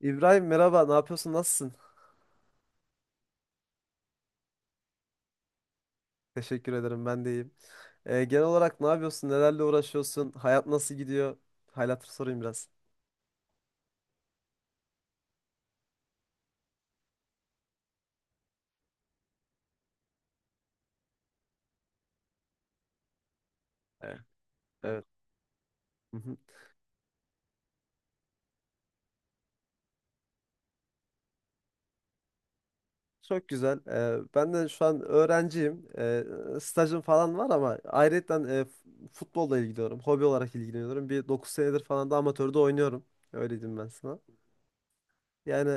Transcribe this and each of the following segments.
İbrahim, merhaba, ne yapıyorsun, nasılsın? Teşekkür ederim, ben de iyiyim. Genel olarak ne yapıyorsun, nelerle uğraşıyorsun, hayat nasıl gidiyor? Hal sorayım biraz. Evet. Evet. Hı hı. Çok güzel. Ben de şu an öğrenciyim. Stajım falan var ama ayrıca futbolla ilgileniyorum. Hobi olarak ilgileniyorum. Bir 9 senedir falan da amatörde oynuyorum. Öyle diyeyim ben sana. Yani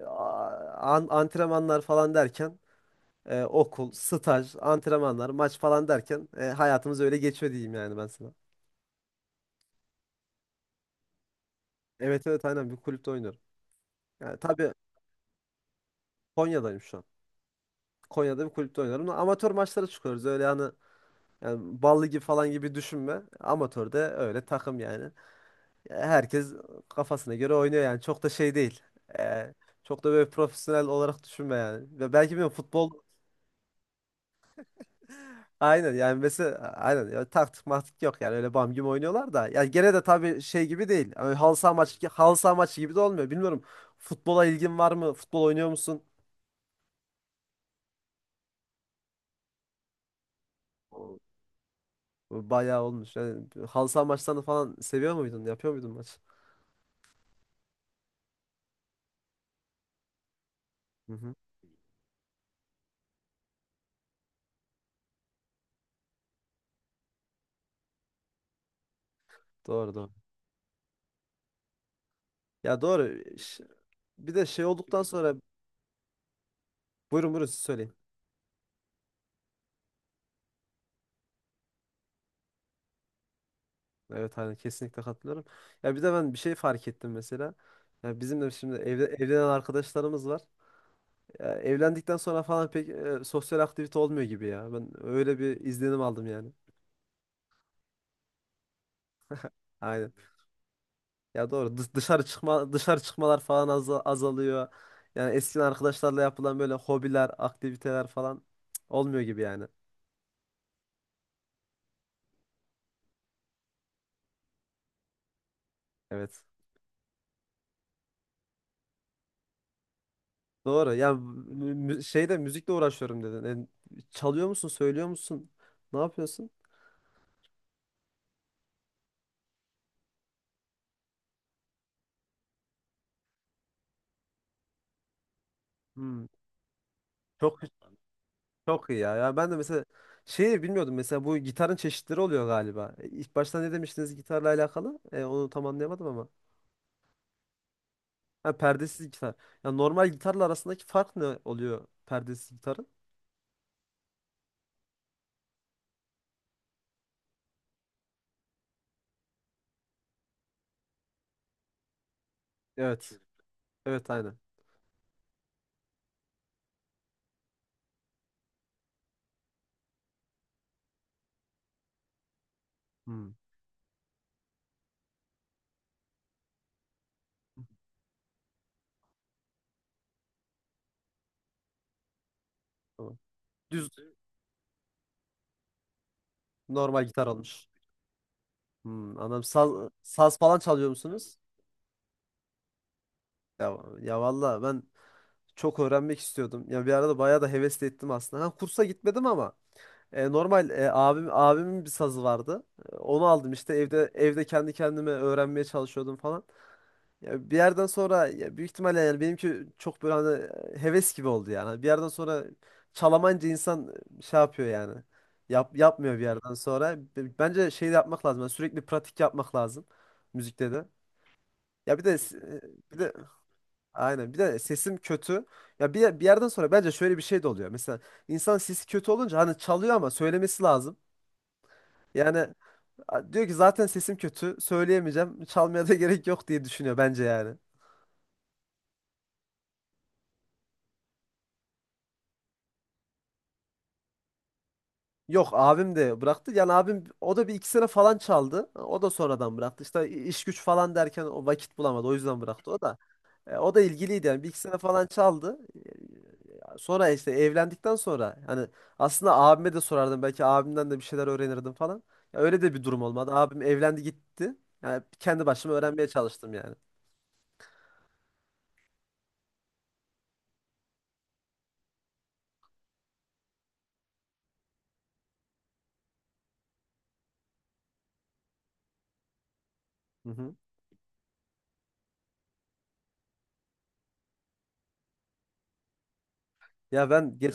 e, a- an- antrenmanlar falan derken E, okul, staj, antrenmanlar, maç falan derken hayatımız öyle geçiyor, diyeyim yani ben sana. Evet, evet, aynen, bir kulüpte oynuyorum. Yani tabii, Konya'dayım şu an. Konya'da bir kulüpte oynuyorum. Amatör maçlara çıkıyoruz. Öyle hani, yani ballı gibi falan gibi düşünme. Amatörde öyle takım yani. Herkes kafasına göre oynuyor yani. Çok da şey değil. E, Çok da böyle profesyonel olarak düşünme yani. Ve belki bilmiyorum, futbol aynen yani mesela, aynen ya, taktik maktik yok yani, öyle bam gibi oynuyorlar da ya, gene de tabii şey gibi değil. Yani halı saha maçı halı saha maçı gibi de olmuyor. Bilmiyorum, futbola ilgin var mı? Futbol oynuyor musun? Bayağı olmuş. Yani halı saha maçlarını falan seviyor muydun? Yapıyor muydun maç? Hı hı. Doğru doğru. Ya doğru. Bir de şey olduktan sonra, buyurun buyurun siz söyleyin. Evet aynen, kesinlikle katılıyorum. Ya bir de ben bir şey fark ettim mesela. Ya bizim de şimdi evde, evlenen arkadaşlarımız var. Ya evlendikten sonra falan pek sosyal aktivite olmuyor gibi ya. Ben öyle bir izlenim aldım yani. Aynen. Ya doğru. Dışarı çıkmalar falan azalıyor. Yani eskiden arkadaşlarla yapılan böyle hobiler, aktiviteler falan, cık, olmuyor gibi yani. Evet. Doğru. Ya mü- mü- şeyde müzikle uğraşıyorum dedin. Çalıyor musun, söylüyor musun? Ne yapıyorsun? Hmm. Çok, çok iyi ya. Ya ben de mesela şeyi bilmiyordum. Mesela bu gitarın çeşitleri oluyor galiba. İlk başta ne demiştiniz gitarla alakalı? Onu tam anlayamadım ama. Ha, perdesiz gitar. Ya, normal gitarla arasındaki fark ne oluyor perdesiz gitarın? Evet. Evet aynen. Hmm. Tamam. Düz normal gitar olmuş. Hmm, anladım. Saz falan çalıyor musunuz? Ya, ya valla ben çok öğrenmek istiyordum. Ya bir arada bayağı da hevesli ettim aslında. Ha, kursa gitmedim ama normal, abimin bir sazı vardı. Onu aldım, işte evde kendi kendime öğrenmeye çalışıyordum falan. Ya bir yerden sonra, ya büyük ihtimalle yani benimki çok böyle hani heves gibi oldu yani. Bir yerden sonra çalamayınca insan şey yapıyor yani. Yapmıyor bir yerden sonra. Bence şey de yapmak lazım. Yani sürekli pratik yapmak lazım müzikte de. Ya bir de s- e, bir de aynen bir de sesim kötü. Ya bir yerden sonra bence şöyle bir şey de oluyor. Mesela insan sesi kötü olunca hani çalıyor ama söylemesi lazım. Yani diyor ki zaten sesim kötü. Söyleyemeyeceğim. Çalmaya da gerek yok diye düşünüyor bence yani. Yok, abim de bıraktı. Yani abim, o da bir iki sene falan çaldı. O da sonradan bıraktı. İşte iş güç falan derken o vakit bulamadı. O yüzden bıraktı o da. O da ilgiliydi yani. Bir iki sene falan çaldı. Sonra işte, evlendikten sonra hani aslında abime de sorardım. Belki abimden de bir şeyler öğrenirdim falan. Ya öyle de bir durum olmadı. Abim evlendi gitti. Yani kendi başıma öğrenmeye çalıştım yani. Hı hı. Ya ben geç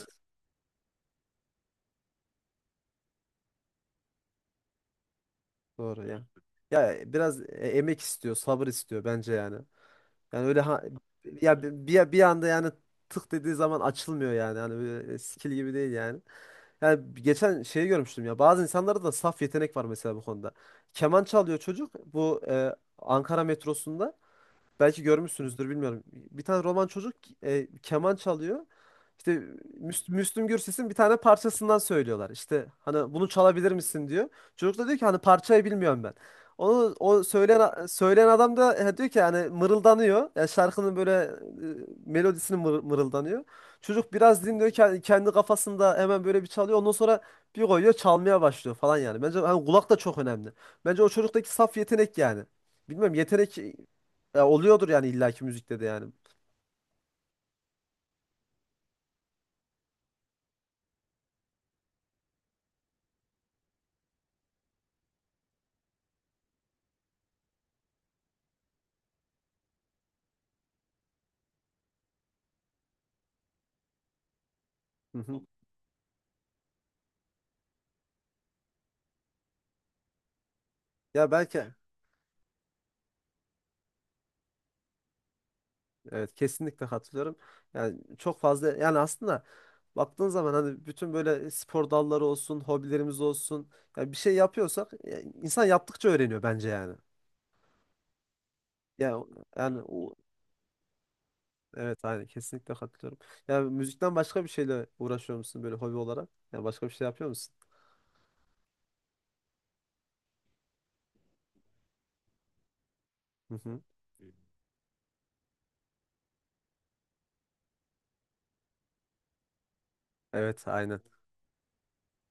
Doğru ya. Ya biraz emek istiyor, sabır istiyor bence yani. Yani öyle, ha, ya bir anda yani tık dediği zaman açılmıyor yani. Hani böyle skill gibi değil yani. Yani geçen şeyi görmüştüm ya. Bazı insanlarda da saf yetenek var mesela bu konuda. Keman çalıyor çocuk, bu Ankara metrosunda. Belki görmüşsünüzdür bilmiyorum. Bir tane Roman çocuk keman çalıyor. İşte Müslüm Gürses'in bir tane parçasından söylüyorlar. İşte hani bunu çalabilir misin diyor. Çocuk da diyor ki hani parçayı bilmiyorum ben. Onu, o söyleyen söyleyen adam da diyor ki, hani mırıldanıyor. Yani şarkının böyle melodisini mırıldanıyor. Çocuk biraz dinliyor, kendi kafasında hemen böyle bir çalıyor. Ondan sonra bir koyuyor, çalmaya başlıyor falan yani. Bence hani kulak da çok önemli. Bence o çocuktaki saf yetenek yani. Bilmiyorum, yetenek ya oluyordur yani illaki müzikte de yani. Hı hı. Ya belki, evet kesinlikle katılıyorum. Yani çok fazla yani aslında, baktığın zaman hani bütün böyle spor dalları olsun, hobilerimiz olsun. Yani bir şey yapıyorsak ya, insan yaptıkça öğreniyor bence yani. Ya yani evet, aynı kesinlikle katılıyorum. Yani müzikten başka bir şeyle uğraşıyor musun böyle hobi olarak? Yani başka bir şey yapıyor musun? Hı hı. Evet aynen.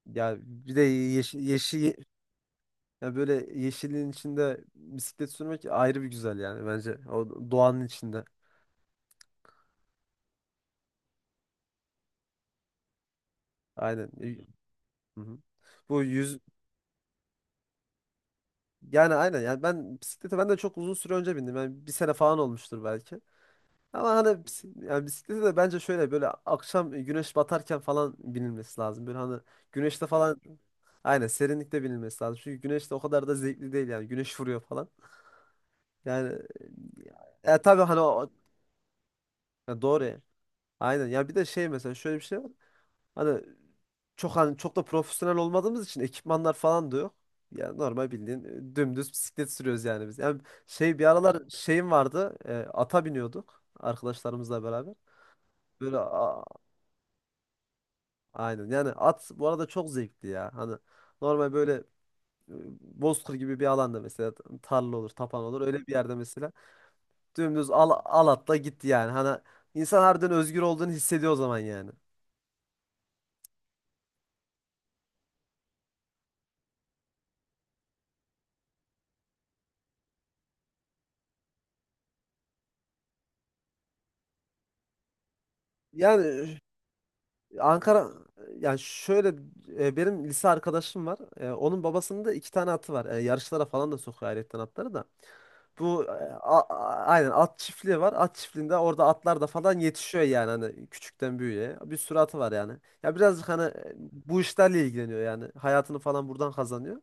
Ya bir de yeşil, Ya böyle yeşilliğin içinde bisiklet sürmek ayrı bir güzel yani bence. O doğanın içinde. Aynen. Hı hı. Bu yüz Yani aynen yani, ben de çok uzun süre önce bindim. Yani bir sene falan olmuştur belki. Ama hani yani bisiklete de bence şöyle, böyle akşam güneş batarken falan binilmesi lazım. Böyle hani güneşte falan, aynen serinlikte binilmesi lazım. Çünkü güneşte o kadar da zevkli değil yani. Güneş vuruyor falan. Yani tabii hani ya, doğru ya. Aynen. Ya bir de şey, mesela şöyle bir şey var. Hani çok da profesyonel olmadığımız için ekipmanlar falan da yok. Yani normal bildiğin dümdüz bisiklet sürüyoruz yani biz. Yani şey, bir aralar şeyim vardı. Ata biniyorduk arkadaşlarımızla beraber. Böyle aynen. Yani at, bu arada, çok zevkli ya. Hani normal böyle e, bozkır gibi bir alanda mesela, tarla olur, tapan olur. Öyle bir yerde mesela dümdüz al, al atla gitti yani. Hani insan harbiden özgür olduğunu hissediyor o zaman yani. Yani e, Ankara yani şöyle, benim lise arkadaşım var. Onun babasının da iki tane atı var. Yarışlara falan da sokuyor ayrıyetten atları da. Bu e, a- a- Aynen, at çiftliği var. At çiftliğinde orada atlar da falan yetişiyor yani, hani küçükten büyüğe. Bir sürü atı var yani. Ya birazcık hani bu işlerle ilgileniyor yani. Hayatını falan buradan kazanıyor.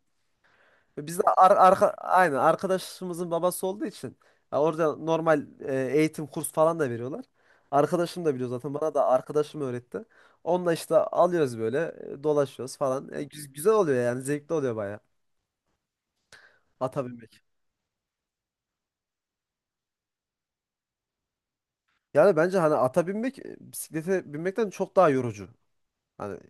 Ve biz de ar arka aynen arkadaşımızın babası olduğu için, ya orada normal eğitim, kurs falan da veriyorlar. Arkadaşım da biliyor zaten, bana da arkadaşım öğretti. Onunla işte alıyoruz böyle, dolaşıyoruz falan. Güzel oluyor yani, zevkli oluyor baya ata binmek. Yani bence hani ata binmek bisiklete binmekten çok daha yorucu. Hani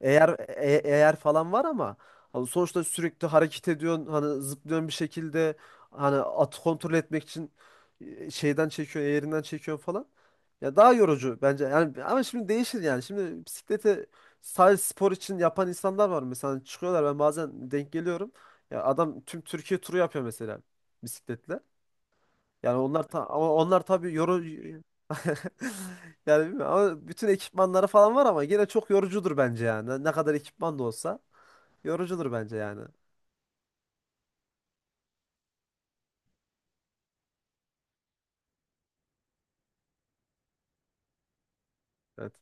eğer falan var ama hani sonuçta sürekli hareket ediyorsun, hani zıplıyorsun bir şekilde, hani atı kontrol etmek için şeyden çekiyorsun, eğerinden çekiyorsun falan. Ya daha yorucu bence. Yani ama şimdi değişir yani. Şimdi bisiklete sadece spor için yapan insanlar var mesela. Hani çıkıyorlar, ben bazen denk geliyorum. Ya adam tüm Türkiye turu yapıyor mesela bisikletle. Yani onlar ama onlar tabii yani bilmiyorum ama bütün ekipmanları falan var ama gene çok yorucudur bence yani. Ne kadar ekipman da olsa yorucudur bence yani. Evet.